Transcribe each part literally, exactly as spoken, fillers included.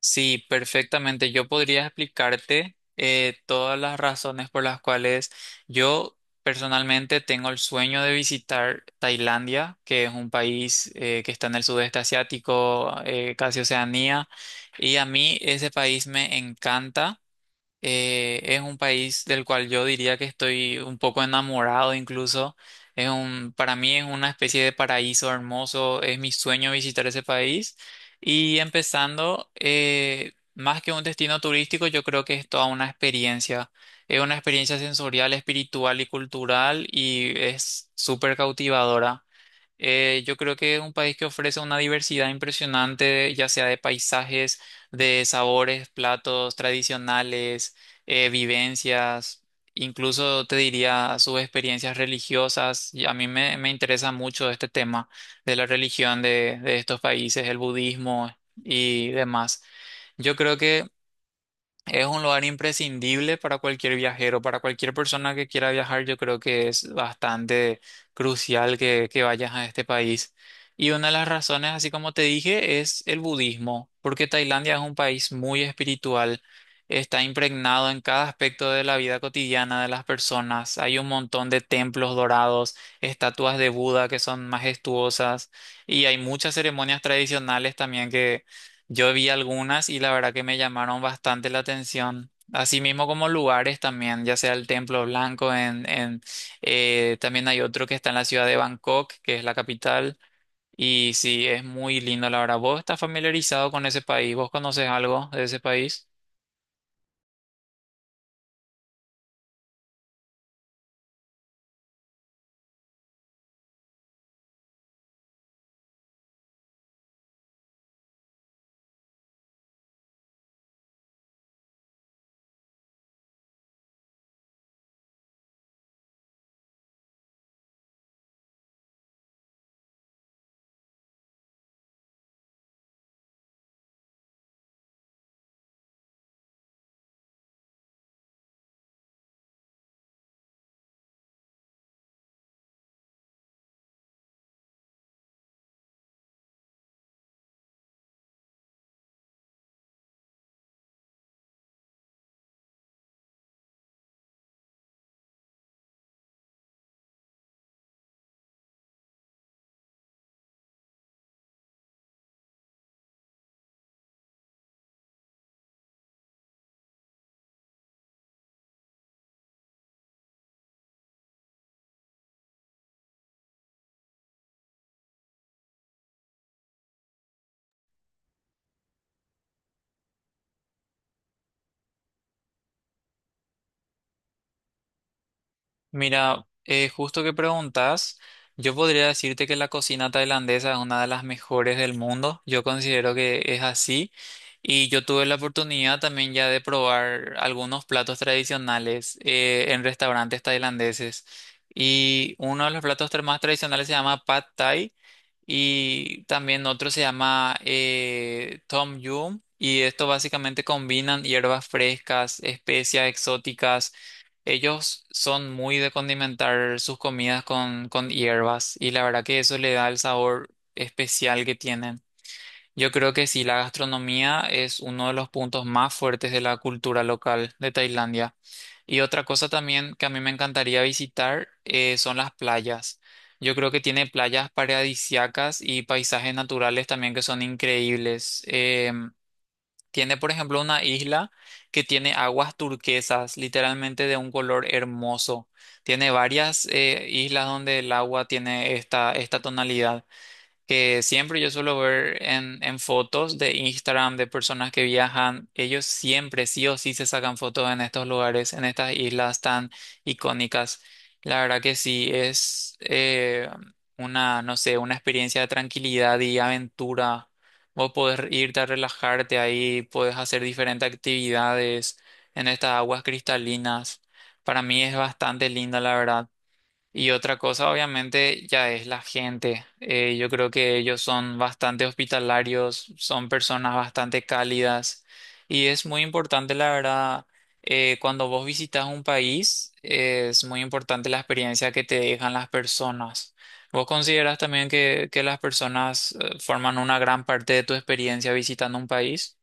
Sí, perfectamente. Yo podría explicarte eh, todas las razones por las cuales yo personalmente tengo el sueño de visitar Tailandia, que es un país eh, que está en el sudeste asiático, eh, casi Oceanía, y a mí ese país me encanta. Eh, es un país del cual yo diría que estoy un poco enamorado incluso. Es un, para mí es una especie de paraíso hermoso. Es mi sueño visitar ese país. Y empezando, eh, más que un destino turístico, yo creo que es toda una experiencia. Es una experiencia sensorial, espiritual y cultural y es súper cautivadora. Eh, yo creo que es un país que ofrece una diversidad impresionante, ya sea de paisajes, de sabores, platos tradicionales, eh, vivencias, incluso te diría sus experiencias religiosas. Y a mí me, me interesa mucho este tema de la religión de, de estos países, el budismo y demás. Yo creo que es un lugar imprescindible para cualquier viajero, para cualquier persona que quiera viajar, yo creo que es bastante crucial que, que vayas a este país. Y una de las razones, así como te dije, es el budismo, porque Tailandia es un país muy espiritual, está impregnado en cada aspecto de la vida cotidiana de las personas, hay un montón de templos dorados, estatuas de Buda que son majestuosas y hay muchas ceremonias tradicionales también, yo vi algunas y la verdad que me llamaron bastante la atención. Así mismo como lugares también, ya sea el Templo Blanco, en, en, eh, también hay otro que está en la ciudad de Bangkok, que es la capital. Y sí, es muy lindo, la verdad. ¿Vos estás familiarizado con ese país? ¿Vos conoces algo de ese país? Mira, eh, justo que preguntas, yo podría decirte que la cocina tailandesa es una de las mejores del mundo. Yo considero que es así. Y yo tuve la oportunidad también ya de probar algunos platos tradicionales eh, en restaurantes tailandeses. Y uno de los platos tra- más tradicionales se llama Pad Thai y también otro se llama eh, Tom Yum. Y esto básicamente combinan hierbas frescas, especias exóticas, ellos son muy de condimentar sus comidas con, con hierbas y la verdad que eso le da el sabor especial que tienen. Yo creo que sí, la gastronomía es uno de los puntos más fuertes de la cultura local de Tailandia. Y otra cosa también que a mí me encantaría visitar, eh, son las playas. Yo creo que tiene playas paradisíacas y paisajes naturales también que son increíbles. Em, tiene, por ejemplo, una isla que tiene aguas turquesas, literalmente de un color hermoso. Tiene varias eh, islas donde el agua tiene esta, esta tonalidad que siempre yo suelo ver en, en fotos de Instagram de personas que viajan, ellos siempre sí o sí se sacan fotos en estos lugares, en estas islas tan icónicas. La verdad que sí, es eh, una, no sé, una experiencia de tranquilidad y aventura. Vos podés irte a relajarte ahí, podés hacer diferentes actividades en estas aguas cristalinas. Para mí es bastante linda, la verdad. Y otra cosa, obviamente, ya es la gente. Eh, yo creo que ellos son bastante hospitalarios, son personas bastante cálidas y es muy importante, la verdad, eh, cuando vos visitas un país, eh, es muy importante la experiencia que te dejan las personas. ¿Vos consideras también que, que las personas eh, forman una gran parte de tu experiencia visitando un país?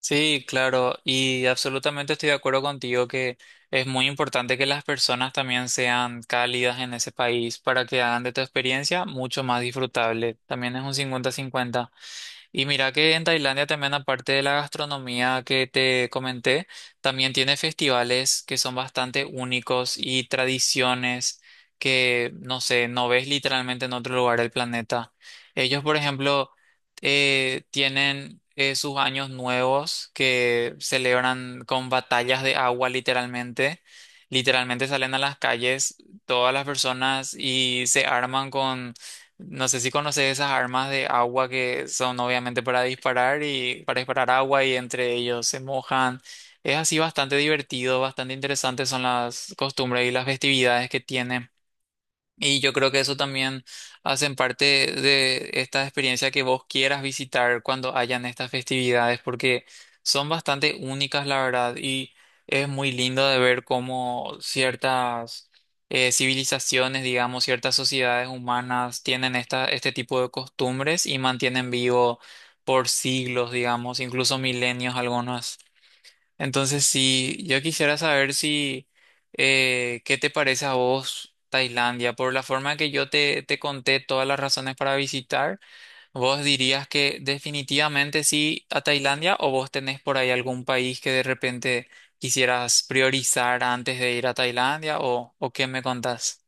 Sí, claro, y absolutamente estoy de acuerdo contigo que es muy importante que las personas también sean cálidas en ese país para que hagan de tu experiencia mucho más disfrutable. También es un cincuenta-cincuenta. Y mira que en Tailandia también, aparte de la gastronomía que te comenté, también tiene festivales que son bastante únicos y tradiciones que, no sé, no ves literalmente en otro lugar del planeta. Ellos, por ejemplo, eh, tienen eh, sus años nuevos que celebran con batallas de agua, literalmente. Literalmente salen a las calles todas las personas y se arman, no sé si conoces esas armas de agua que son obviamente para disparar y para disparar agua y entre ellos se mojan. Es así bastante divertido, bastante interesante son las costumbres y las festividades que tiene. Y yo creo que eso también hacen parte de esta experiencia que vos quieras visitar cuando hayan estas festividades, porque son bastante únicas, la verdad, y es muy lindo de ver cómo ciertas eh, civilizaciones, digamos, ciertas sociedades humanas tienen esta, este tipo de costumbres y mantienen vivo por siglos, digamos, incluso milenios algunas. Entonces, sí, yo quisiera saber si, eh, ¿qué te parece a vos Tailandia? Por la forma que yo te, te conté todas las razones para visitar, ¿vos dirías que definitivamente sí a Tailandia o vos tenés por ahí algún país que de repente quisieras priorizar antes de ir a Tailandia o, o qué me contás?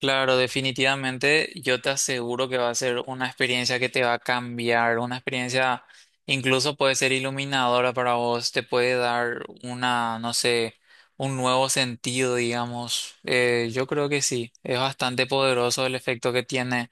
Claro, definitivamente yo te aseguro que va a ser una experiencia que te va a cambiar, una experiencia incluso puede ser iluminadora para vos, te puede dar una, no sé, un nuevo sentido, digamos. Eh, yo creo que sí, es bastante poderoso el efecto que tiene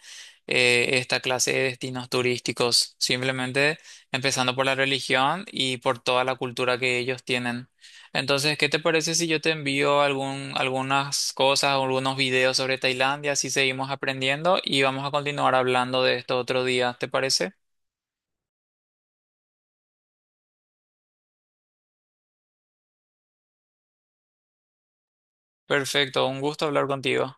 eh, esta clase de destinos turísticos, simplemente empezando por la religión y por toda la cultura que ellos tienen. Entonces, ¿qué te parece si yo te envío algún, algunas cosas, o algunos videos sobre Tailandia, así seguimos aprendiendo y vamos a continuar hablando de esto otro día? ¿Te parece? Perfecto, un gusto hablar contigo.